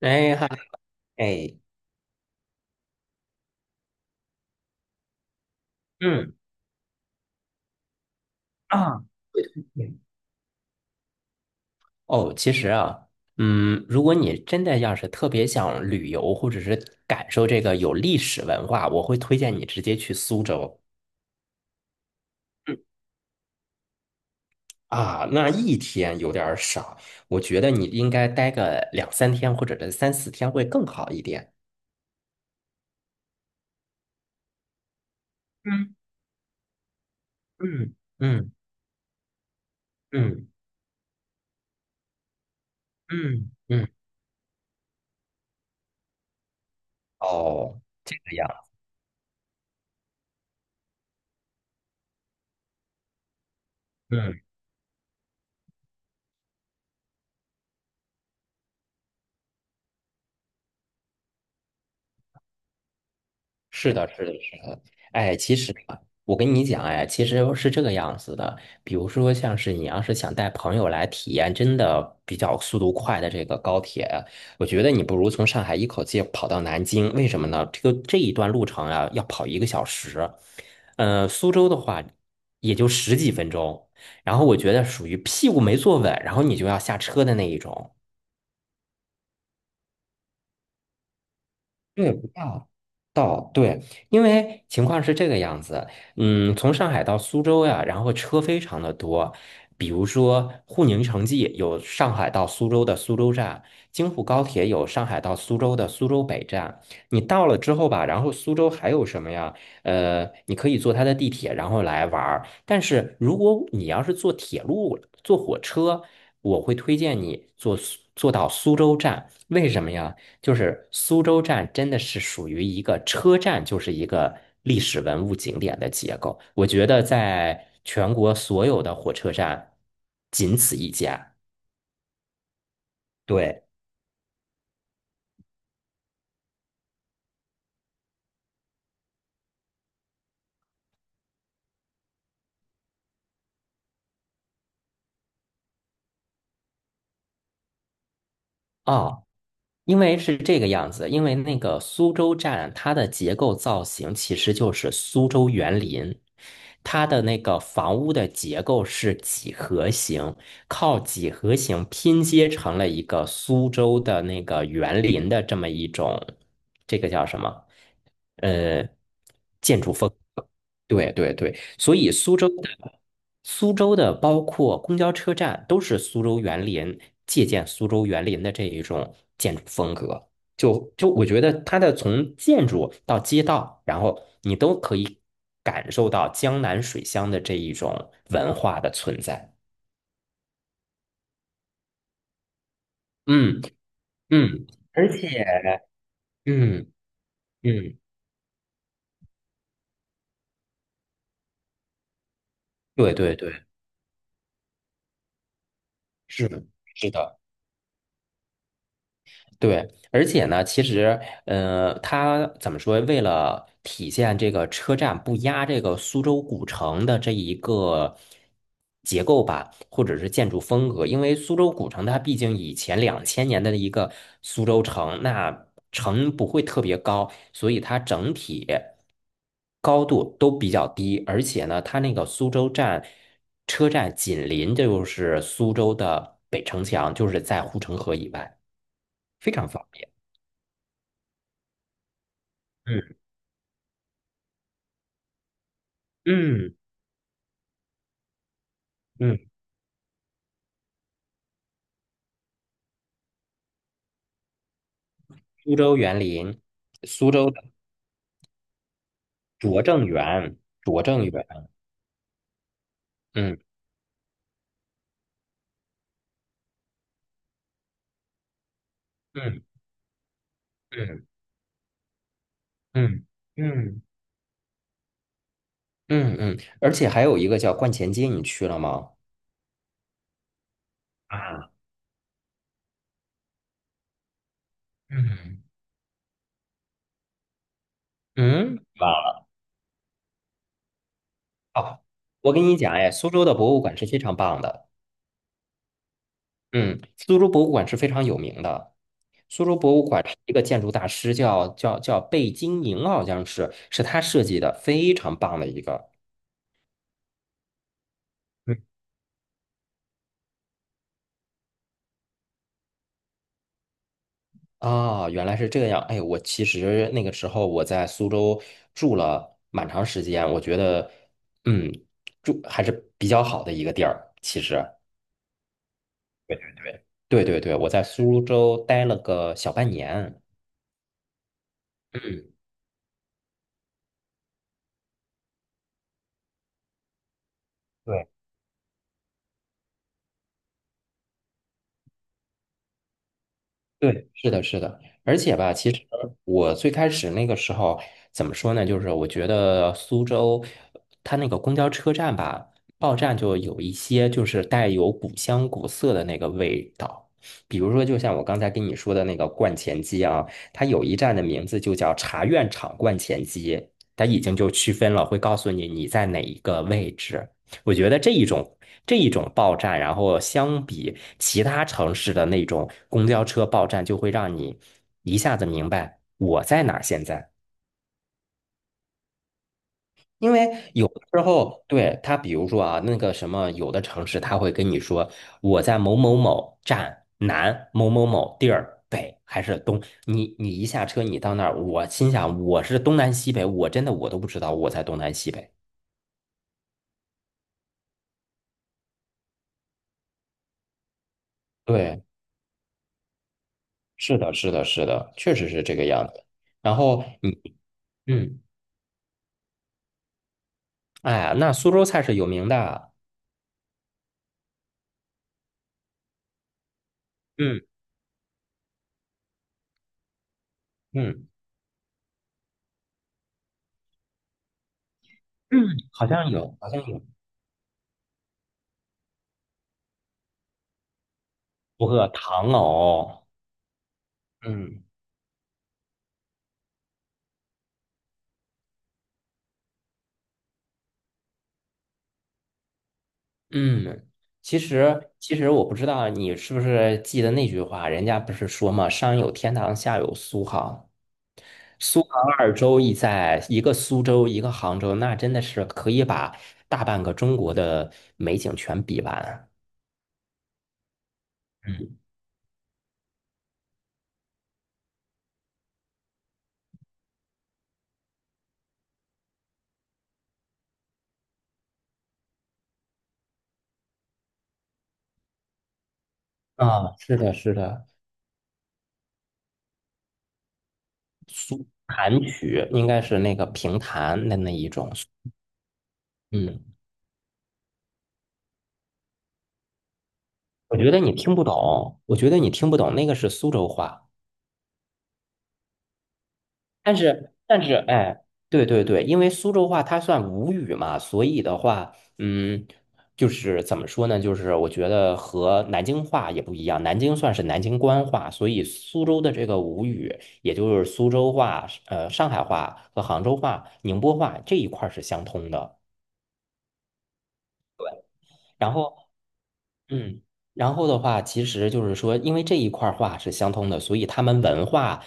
哎嗨。哎。嗯。啊。哦，其实啊，如果你真的要是特别想旅游，或者是感受这个有历史文化，我会推荐你直接去苏州。嗯。啊，那一天有点儿少，我觉得你应该待个两三天，或者是三四天会更好一点。嗯嗯嗯嗯嗯嗯。哦，这个样。嗯。是的，是的，是的。哎，其实啊，我跟你讲，哎，其实是这个样子的。比如说，像是你要是想带朋友来体验真的比较速度快的这个高铁，我觉得你不如从上海一口气跑到南京。为什么呢？这个这一段路程啊，要跑1个小时。苏州的话也就十几分钟。然后我觉得属于屁股没坐稳，然后你就要下车的那一种。对，不到。对。因为情况是这个样子，嗯，从上海到苏州呀，然后车非常的多，比如说沪宁城际有上海到苏州的苏州站，京沪高铁有上海到苏州的苏州北站。你到了之后吧，然后苏州还有什么呀？你可以坐它的地铁，然后来玩儿。但是如果你要是坐铁路、坐火车，我会推荐你坐到苏州站，为什么呀？就是苏州站真的是属于一个车站，就是一个历史文物景点的结构。我觉得在全国所有的火车站，仅此一家。对。啊，因为是这个样子，因为那个苏州站它的结构造型其实就是苏州园林，它的那个房屋的结构是几何形，靠几何形拼接成了一个苏州的那个园林的这么一种，这个叫什么？呃，建筑风格。对对对，所以苏州的包括公交车站都是苏州园林借鉴苏州园林的这一种建筑风格。就我觉得它的从建筑到街道，然后你都可以感受到江南水乡的这一种文化的存在。嗯嗯，而且嗯嗯。对对对，是的，是的。对。而且呢，其实，它怎么说？为了体现这个车站不压这个苏州古城的这一个结构吧，或者是建筑风格，因为苏州古城它毕竟以前2000年的一个苏州城，那城不会特别高，所以它整体高度都比较低，而且呢，它那个苏州站车站紧邻就是苏州的北城墙，就是在护城河以外，非常方便。嗯嗯嗯。苏州园林。苏州的拙政园。拙政园。嗯嗯嗯嗯嗯嗯嗯。而且还有一个叫观前街，你去了吗？啊。嗯嗯。哇。哦，我跟你讲，哎，苏州的博物馆是非常棒的。嗯，苏州博物馆是非常有名的。苏州博物馆是一个建筑大师叫贝聿铭，好像是他设计的，非常棒的一个。啊，原来是这样。哎，我其实那个时候我在苏州住了蛮长时间，我觉得，嗯，住还是比较好的一个地儿。其实，对对对，我在苏州待了个小半年。嗯，对，是的，是的，而且吧，其实我最开始那个时候怎么说呢？就是我觉得苏州它那个公交车站吧，报站就有一些就是带有古香古色的那个味道，比如说就像我刚才跟你说的那个观前街啊，它有一站的名字就叫茶院场观前街，它已经就区分了，会告诉你你在哪一个位置。我觉得这一种报站，然后相比其他城市的那种公交车报站，就会让你一下子明白我在哪儿现在。因为有的时候，对，他比如说啊，那个什么，有的城市他会跟你说我在某某某站南某某某地儿北还是东，你一下车你到那儿，我心想我是东南西北，我真的我都不知道我在东南西北。对，是的，是的，是的，确实是这个样子。然后你。嗯。哎呀，那苏州菜是有名的。嗯嗯嗯。好像有，好像有，不过糖藕。嗯嗯。其实我不知道你是不是记得那句话，人家不是说嘛，上有天堂，下有苏杭。苏杭二州一在，一个苏州，一个杭州，那真的是可以把大半个中国的美景全比完。嗯。啊，是的，是的，弹曲应该是那个评弹的那一种。嗯。我觉得你听不懂，我觉得你听不懂，那个是苏州话。但是哎，对对对，因为苏州话它算吴语嘛，所以的话，嗯，就是怎么说呢？就是我觉得和南京话也不一样，南京算是南京官话，所以苏州的这个吴语，也就是苏州话、上海话和杭州话、宁波话这一块儿是相通的。然后。嗯，然后的话，其实就是说，因为这一块儿话是相通的，所以他们文化、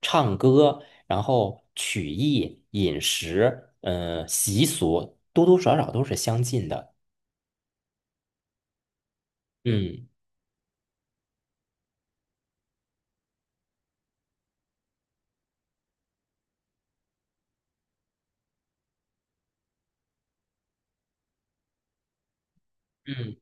唱歌，然后曲艺、饮食，嗯、习俗，多多少少都是相近的。嗯嗯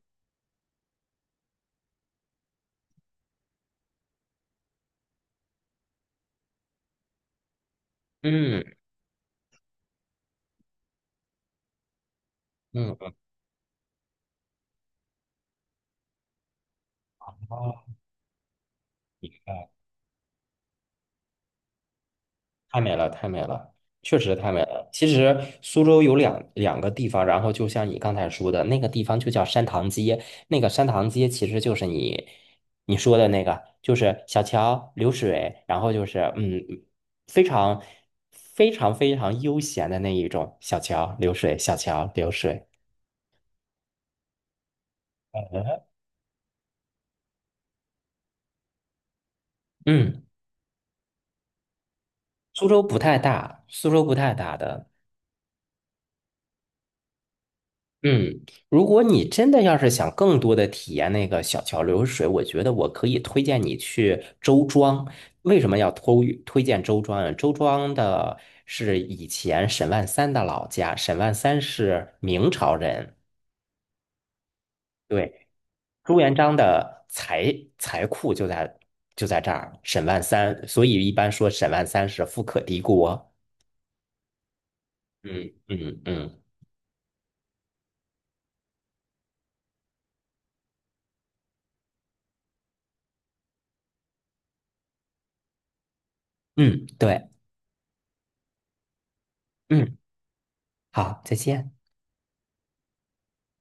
嗯嗯嗯。哦，太美了，太美了，确实太美了。其实苏州有两个地方，然后就像你刚才说的那个地方就叫山塘街，那个山塘街其实就是你说的那个，就是小桥流水，然后就是嗯，非常非常非常悠闲的那一种小桥流水，小桥流水。嗯，苏州不太大，苏州不太大的。嗯，如果你真的要是想更多的体验那个小桥流水，我觉得我可以推荐你去周庄。为什么要推荐周庄啊？周庄的是以前沈万三的老家，沈万三是明朝人，对，朱元璋的财库就在这儿，沈万三，所以一般说沈万三是富可敌国。嗯嗯嗯嗯。对。嗯。好，再见。